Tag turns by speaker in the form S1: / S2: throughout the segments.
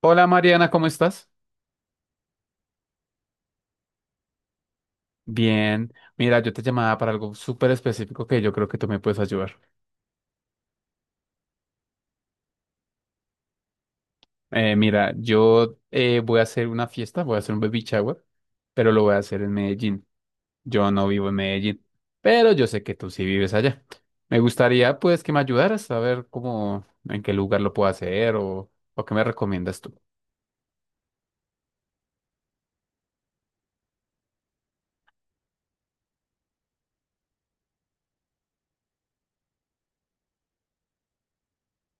S1: Hola Mariana, ¿cómo estás? Bien, mira, yo te llamaba para algo súper específico que yo creo que tú me puedes ayudar. Mira, yo voy a hacer una fiesta, voy a hacer un baby shower, pero lo voy a hacer en Medellín. Yo no vivo en Medellín, pero yo sé que tú sí vives allá. Me gustaría pues que me ayudaras a ver cómo, en qué lugar lo puedo hacer o qué me recomiendas tú.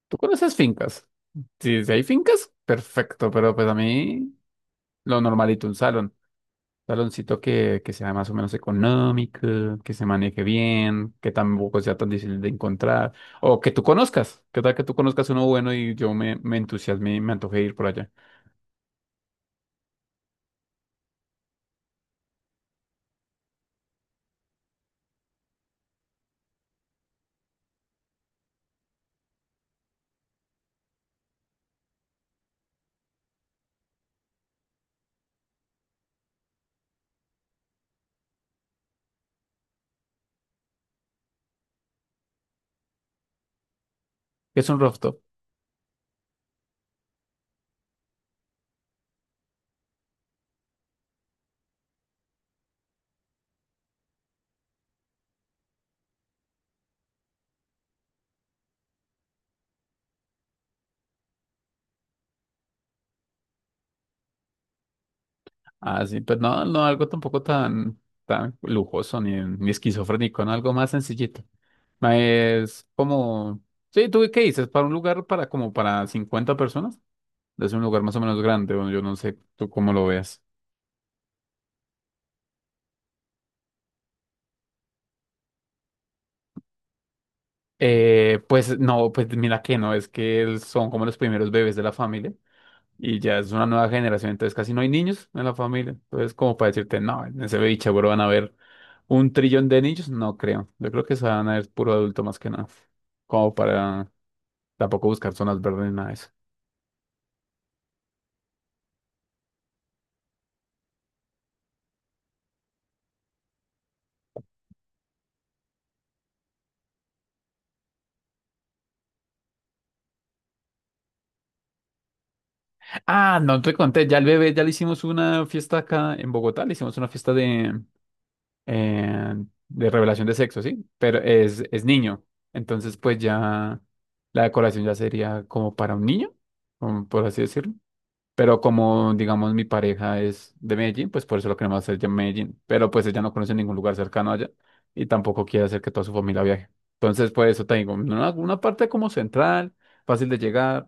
S1: ¿Tú conoces fincas? Si, si hay fincas, perfecto, pero pues a mí lo normalito, un salón. Saloncito que sea más o menos económico, que se maneje bien, que tampoco sea tan difícil de encontrar, o que tú conozcas, que tal que tú conozcas uno bueno y yo me entusiasme y me antoje ir por allá. ¿Qué es un rooftop? Ah, sí, pero no, no algo tampoco tan, tan lujoso ni esquizofrénico, no, algo más sencillito. Ma, es como, sí, ¿tú qué dices? Para un lugar para como para 50 personas, es un lugar más o menos grande, bueno, yo no sé tú cómo lo veas. Pues no, pues mira que no, es que son como los primeros bebés de la familia y ya es una nueva generación, entonces casi no hay niños en la familia. Entonces, como para decirte, no, en ese baby seguro van a haber un trillón de niños, no creo. Yo creo que se van a ver puro adulto más que nada, como para tampoco buscar zonas verdes ni nada de eso. Ah, no te conté, ya el bebé, ya le hicimos una fiesta acá en Bogotá, le hicimos una fiesta eh, de revelación de sexo, ¿sí? Pero es niño. Entonces, pues ya la decoración ya sería como para un niño, como por así decirlo. Pero como, digamos, mi pareja es de Medellín, pues por eso lo queremos hacer ya en Medellín. Pero pues ella no conoce ningún lugar cercano allá y tampoco quiere hacer que toda su familia viaje. Entonces, pues eso te digo, una parte como central, fácil de llegar.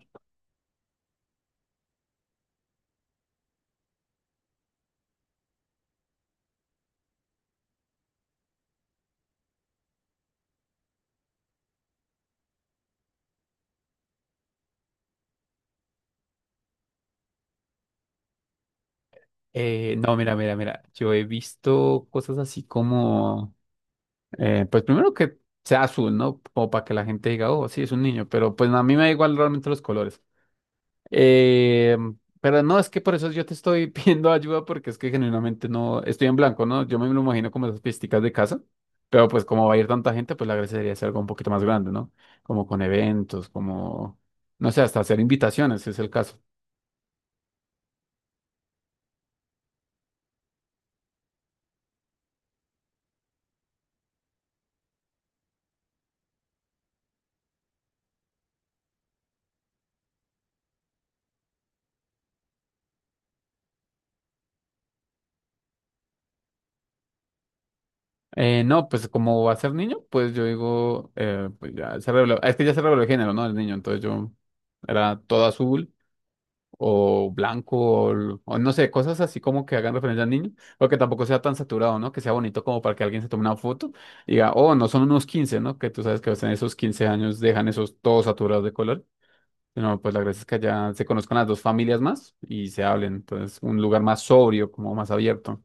S1: No, mira, yo he visto cosas así como pues primero que sea azul, ¿no? Como para que la gente diga, oh, sí, es un niño, pero pues a mí me da igual realmente los colores. Eh, pero no, es que por eso yo te estoy pidiendo ayuda porque es que genuinamente no, estoy en blanco, ¿no? Yo me lo imagino como esas pisticas de casa, pero pues como va a ir tanta gente, pues la gracia sería hacer algo un poquito más grande, ¿no? Como con eventos, como, no sé, hasta hacer invitaciones, si es el caso. No, pues como va a ser niño, pues yo digo, pues ya se reveló, es que ya se reveló el género, ¿no? El niño, entonces yo era todo azul, o blanco, o, o no sé, cosas así como que hagan referencia al niño, o que tampoco sea tan saturado, ¿no? Que sea bonito como para que alguien se tome una foto y diga, oh, no son unos 15, ¿no? Que tú sabes que en esos 15 años dejan esos todos saturados de color. No, pues la gracia es que allá se conozcan las dos familias más y se hablen. Entonces, un lugar más sobrio, como más abierto.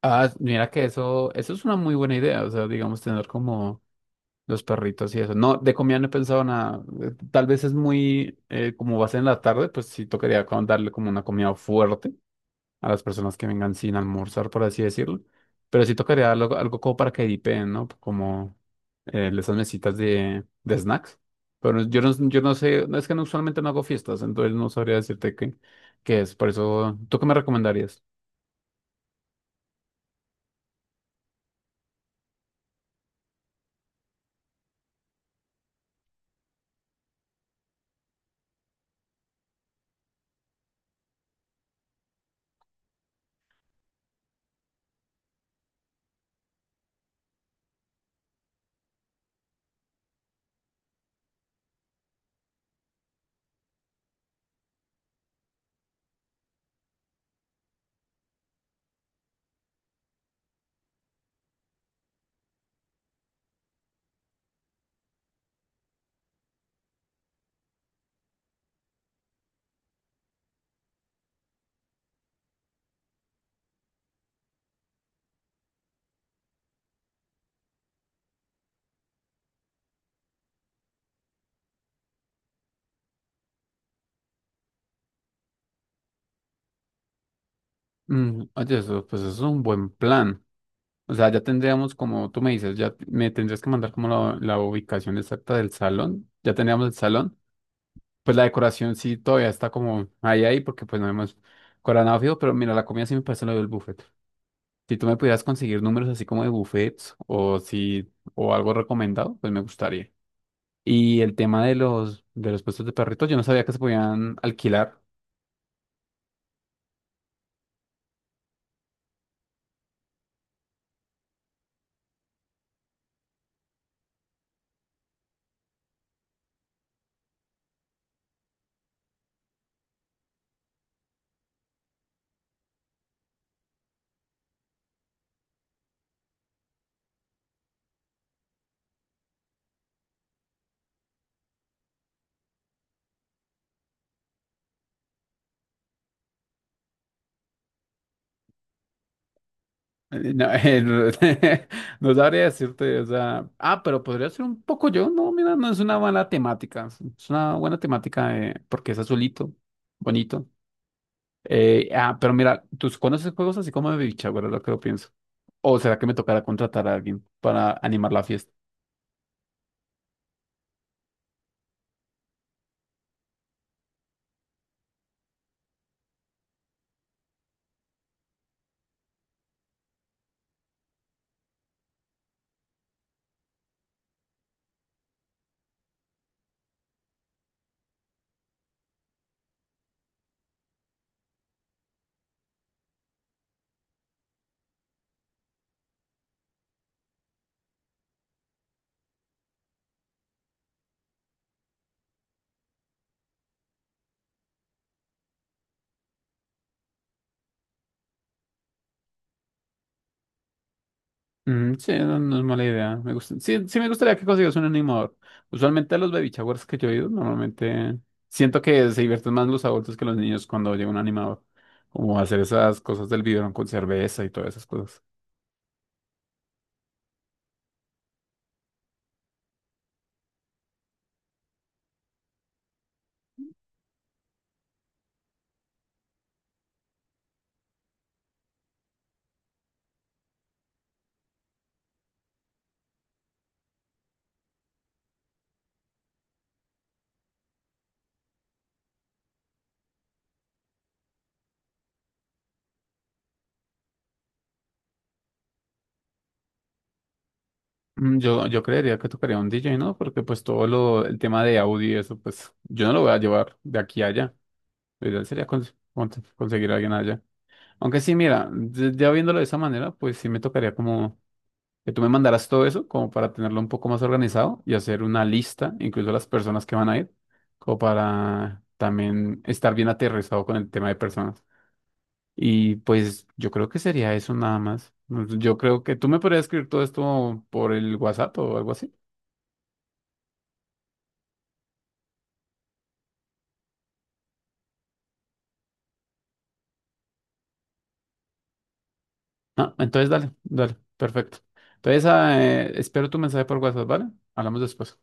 S1: Ah, mira que eso es una muy buena idea. O sea, digamos, tener como los perritos y eso. No, de comida no he pensado nada. Tal vez es muy, como va a ser en la tarde, pues sí tocaría como darle como una comida fuerte a las personas que vengan sin almorzar, por así decirlo. Pero sí tocaría algo, algo como para que dipen, ¿no? Como esas mesitas de snacks. Pero yo no sé, no, es que no, usualmente no hago fiestas, entonces no sabría decirte qué, qué es. Por eso, ¿tú qué me recomendarías? Mm, oye, eso, pues eso es un buen plan. O sea, ya tendríamos como, tú me dices, ya me tendrías que mandar como la ubicación exacta del salón. Ya tendríamos el salón. Pues la decoración sí todavía está como ahí, porque pues no hemos coronado fijo, pero mira, la comida sí me parece lo del buffet. Si tú me pudieras conseguir números así como de buffets o si, o algo recomendado, pues me gustaría. Y el tema de los puestos de perritos, yo no sabía que se podían alquilar. No, no sabría decirte, o sea, ah, pero podría ser un poco yo, no, mira, no es una mala temática, es una buena temática, porque es azulito, bonito. Pero mira, ¿tú conoces juegos así como de bicha, verdad? Lo que lo pienso. ¿O será que me tocará contratar a alguien para animar la fiesta? Mm, sí, no, no es mala idea. Me gusta, sí, sí me gustaría que consigas un animador. Usualmente a los baby showers que yo he ido, normalmente siento que se divierten más los adultos que los niños cuando llega un animador. Como hacer esas cosas del biberón con cerveza y todas esas cosas. Yo creería que tocaría un DJ, ¿no? Porque pues todo lo, el tema de audio y eso, pues yo no lo voy a llevar de aquí a allá. Lo ideal sería conseguir a alguien allá. Aunque sí, mira, ya viéndolo de esa manera, pues sí me tocaría como que tú me mandaras todo eso como para tenerlo un poco más organizado y hacer una lista, incluso las personas que van a ir, como para también estar bien aterrizado con el tema de personas. Y pues yo creo que sería eso nada más. Pues, yo creo que tú me podrías escribir todo esto por el WhatsApp o algo así. Ah, entonces dale, dale, perfecto. Entonces, espero tu mensaje por WhatsApp, ¿vale? Hablamos después.